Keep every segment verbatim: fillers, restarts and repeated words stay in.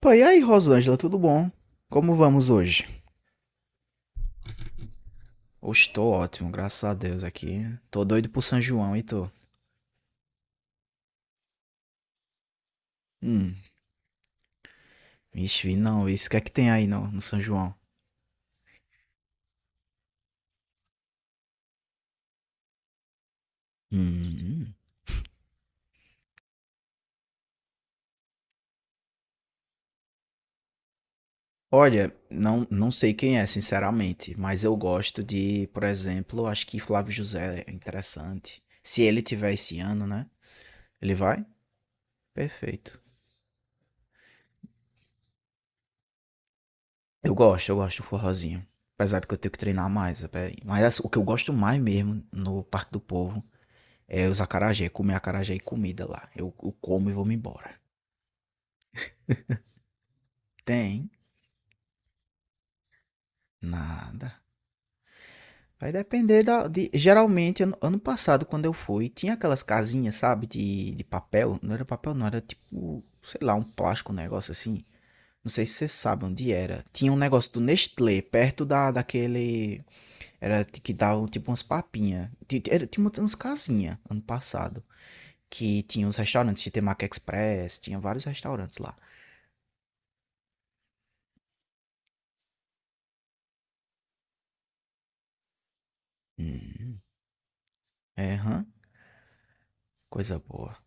Pô, e aí, Rosângela, tudo bom? Como vamos hoje? Hoje tô ótimo, graças a Deus aqui. Tô doido pro São João e tô. Hum, vixe, vi não, isso o que é que tem aí no, no São João? Hum. Olha, não, não sei quem é, sinceramente, mas eu gosto de, por exemplo, acho que Flávio José é interessante. Se ele tiver esse ano, né? Ele vai? Perfeito. Eu gosto, eu gosto do forrozinho. Apesar de que eu tenho que treinar mais, até- mas assim, o que eu gosto mais mesmo no Parque do Povo é os acarajé, comer acarajé e comida lá. Eu, eu como e vou-me embora. Tem? Nada. Vai depender da. de- geralmente, ano, ano passado, quando eu fui, tinha aquelas casinhas, sabe, de, de papel. Não era papel, não, era tipo, sei lá, um plástico, um negócio assim. Não sei se vocês sabem onde era. Tinha um negócio do Nestlé, perto da, daquele. Era que dava tipo umas papinhas. Ti- era- Tinha umas umas casinhas ano passado. Que tinha uns restaurantes, tinha Temaki Express, tinha vários restaurantes lá. Hum. É, hã? Coisa boa.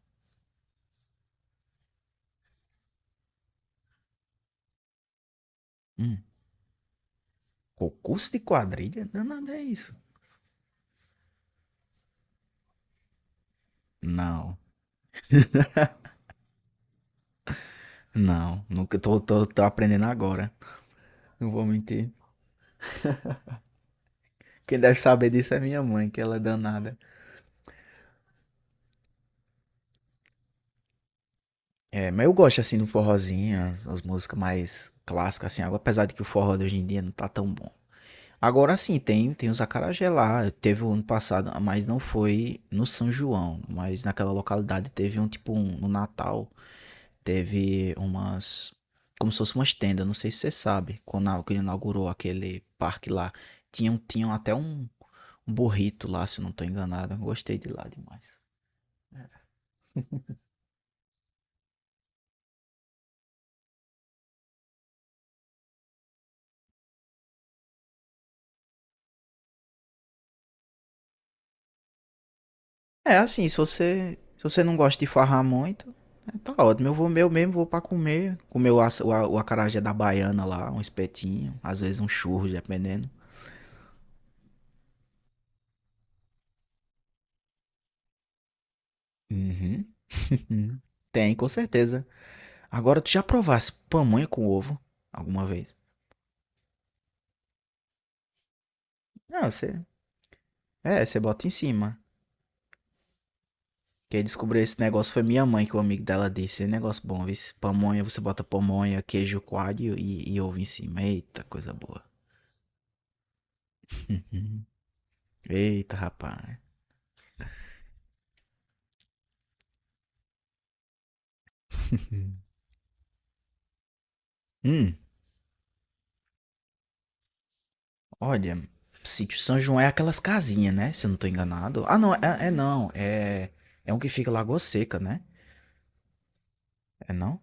Hum, concurso de quadrilha? Não, nada é isso. Não, não. Nunca tô, tô, tô aprendendo agora. Não vou mentir. Quem deve saber disso é minha mãe, que ela é danada. É, mas eu gosto assim do forrozinho, as, as músicas mais clássicas, assim, apesar de que o forró de hoje em dia não tá tão bom. Agora sim, tem, tem os acarajé lá. Teve o ano passado, mas não foi no São João, mas naquela localidade teve um tipo um, no Natal. Teve umas. Como se fosse umas tendas, não sei se você sabe. Quando a- quando inaugurou aquele parque lá, tinham, tinham até um, um burrito lá, se eu não tô enganado. Eu gostei de lá demais. É assim, se você. Se você não gosta de farrar muito, é, tá ótimo. Eu vou meu mesmo, vou pra comer. Comer o, aça- o, a- o acarajé da baiana lá, um espetinho, às vezes um churro, dependendo. Uhum. Tem, com certeza. Agora tu já provasse pamonha com ovo alguma vez? Não, você. É, você bota em cima. Quem descobriu esse negócio foi minha mãe, que o amigo dela disse. É negócio bom, viu? Pamonha, você bota pamonha, queijo coalho e, e ovo em cima. Eita, coisa boa. Uhum. Eita, rapaz. Hum, olha, sítio São João é aquelas casinhas, né? Se eu não tô enganado. Ah, não, é, é não. É, é um que fica em Lagoa Seca, né? É não?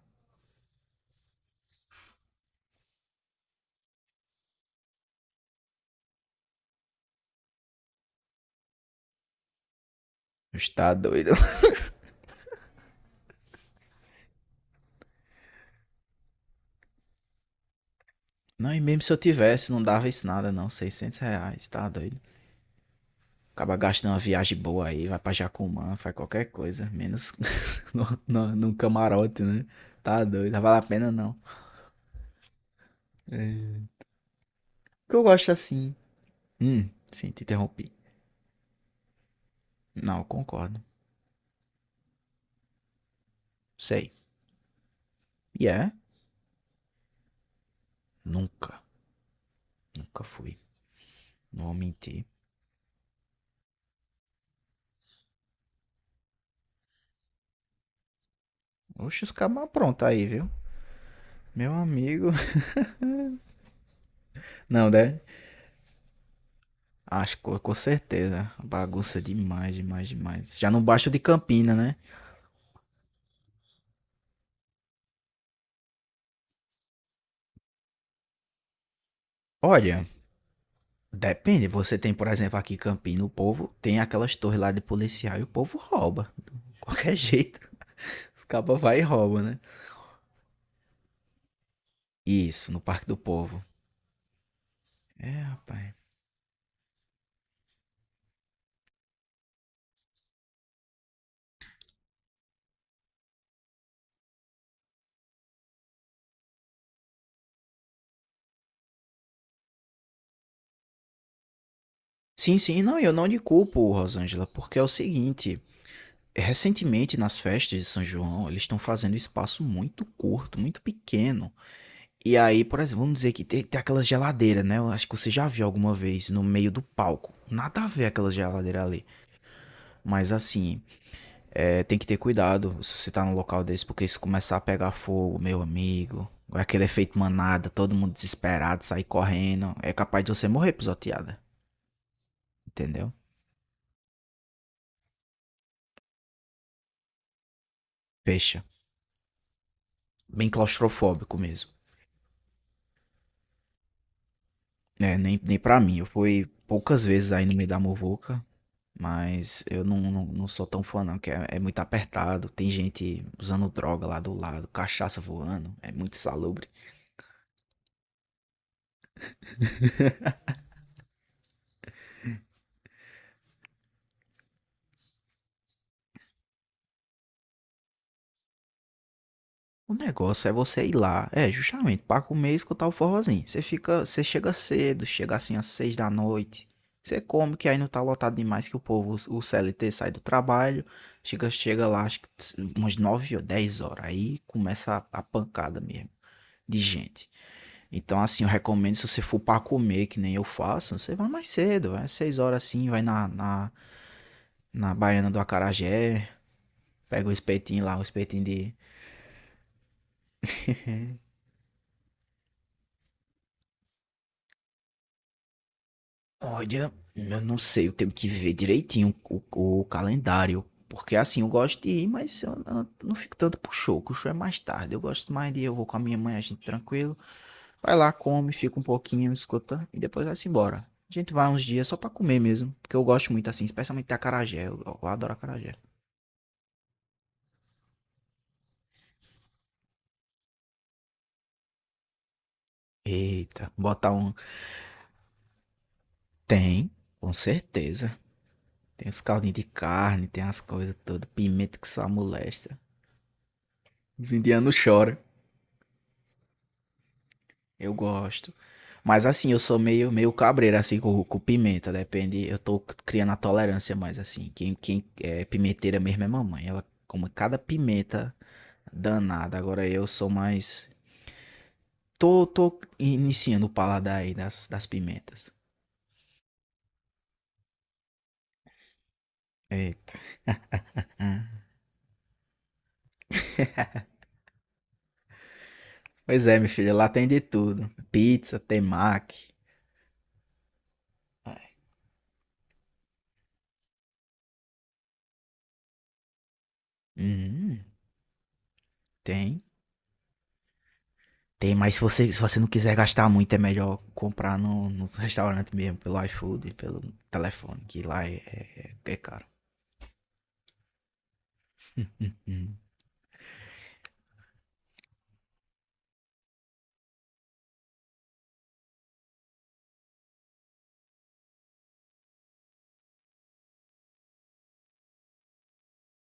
Está doido. Não, e mesmo se eu tivesse, não dava isso nada, não. Seiscentos reais, tá doido. Acaba gastando uma viagem boa aí, vai pra Jacumã, faz qualquer coisa, menos no, no, no camarote, né? Tá doido, não vale a pena não. É. O que eu gosto assim. Hum, sim, te interrompi. Não, eu concordo. Sei. E yeah. é? Nunca, nunca fui. Não vou mentir. Oxe, os cabas pronto aí, viu? Meu amigo. Não, né? Acho que com certeza. Bagunça demais, demais, demais. Já não baixa de Campina, né? Olha, depende, você tem, por exemplo, aqui em Campina, o povo tem aquelas torres lá de policial e o povo rouba. De qualquer jeito, os cabas vai e rouba, né? Isso, no Parque do Povo. É, rapaz. Sim, sim, não, eu não lhe culpo, Rosângela, porque é o seguinte, recentemente nas festas de São João, eles estão fazendo espaço muito curto, muito pequeno. E aí, por exemplo, vamos dizer que tem, tem aquelas geladeiras, né? Eu acho que você já viu alguma vez no meio do palco. Nada a ver aquela geladeira ali. Mas assim, é, tem que ter cuidado se você tá num local desse, porque se começar a pegar fogo, meu amigo, vai aquele efeito manada, todo mundo desesperado, sair correndo, é capaz de você morrer pisoteada, entendeu? Fecha. Bem claustrofóbico mesmo. É, nem, nem pra mim, eu fui poucas vezes aí no meio da muvuca, mas eu não, não, não sou tão fã não, que é, é muito apertado, tem gente usando droga lá do lado, cachaça voando, é muito insalubre. O negócio é você ir lá, é, justamente, para comer e escutar o forrozinho. Você fica, você chega cedo, chega assim às seis da noite. Você come, que aí não tá lotado demais que o povo, o C L T sai do trabalho, chega, chega lá, acho que umas nove ou dez horas. Aí começa a, a pancada mesmo de gente. Então, assim, eu recomendo se você for para comer, que nem eu faço, você vai mais cedo, vai às seis horas assim, vai na, na, na Baiana do Acarajé, pega o espetinho lá, o espetinho de, olha, eu não sei, eu tenho que ver direitinho o, o calendário. Porque assim, eu gosto de ir, mas eu não, não fico tanto pro show, que o show é mais tarde. Eu gosto mais de ir, eu vou com a minha mãe, a gente tranquilo. Vai lá, come, fica um pouquinho, escuta, e depois vai-se embora. A gente vai uns dias só pra comer mesmo, porque eu gosto muito assim, especialmente de acarajé. Eu, eu adoro acarajé. Eita, botar um. Tem, com certeza. Tem os caldinhos de carne, tem as coisas todas, pimenta que só molesta. Os indianos choram. Eu gosto. Mas assim, eu sou meio, meio cabreiro assim com, com pimenta, depende. Eu tô criando a tolerância mais assim. Quem, quem é pimenteira mesmo é mamãe. Ela come cada pimenta danada. Agora eu sou mais. Tô, tô iniciando o paladar aí das, das pimentas. Eita. Pois é, meu filho, lá tem de tudo. Pizza, tem mac. Hum, tem. Tem, mas se você, se você não quiser gastar muito, é melhor comprar no, no restaurante mesmo, pelo iFood, pelo telefone, que lá é, é, é caro. Hum.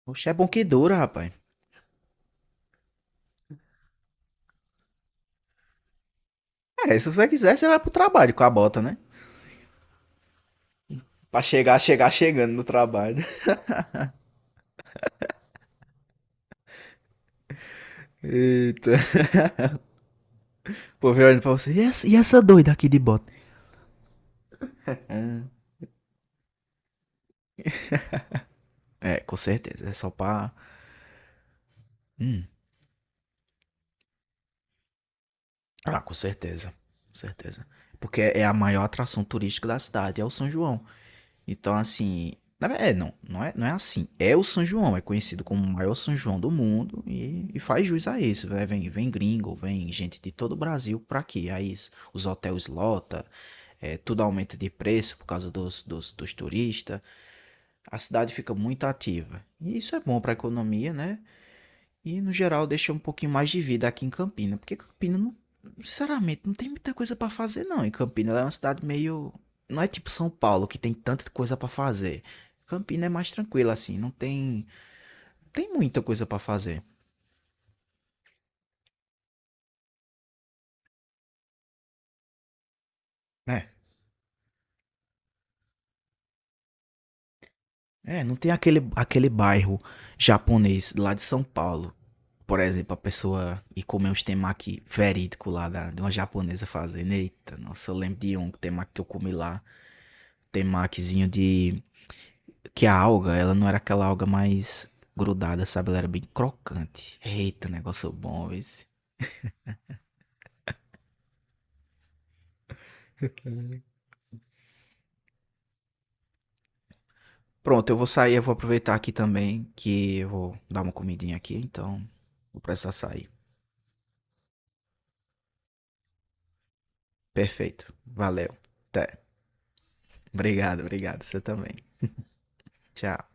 Poxa, é bom que dura, rapaz. É, se você quiser, você vai pro trabalho com a bota, né? Pra chegar, chegar chegando no trabalho. Eita. Pô, vem olhando pra você. E essa, e essa doida aqui de bota? Ah, é, com certeza. É só pra. Hum. Ah, com certeza. Com certeza. Porque é a maior atração turística da cidade, é o São João. Então, assim. Na ver- É, não, não é, não é assim. É o São João, é conhecido como o maior São João do mundo e, e faz jus a isso, né? Vem, vem gringo, vem gente de todo o Brasil pra aqui. Aí s- os hotéis lota, é, tudo aumenta de preço por causa dos, dos, dos turistas. A cidade fica muito ativa. E isso é bom pra economia, né? E, no geral, deixa um pouquinho mais de vida aqui em Campina. Porque Campina, não, sinceramente, não tem muita coisa pra fazer, não. E Campina ela é uma cidade meio. Não é tipo São Paulo, que tem tanta coisa pra fazer. Campina é mais tranquila, assim. Não tem. Não tem muita coisa pra fazer. Né, é, não tem aquele, aquele bairro japonês lá de São Paulo. Por exemplo, a pessoa ir comer uns temaki verídico lá da, de uma japonesa fazendo. Eita, nossa, eu lembro de um temaki que eu comi lá. Temakizinho de que a alga, ela não era aquela alga mais grudada, sabe? Ela era bem crocante. Eita, negócio bom esse. Pronto, eu vou sair, eu vou aproveitar aqui também, que eu vou dar uma comidinha aqui, então vou precisar sair. Perfeito. Valeu. Até. Obrigado, obrigado. Você também. Tchau.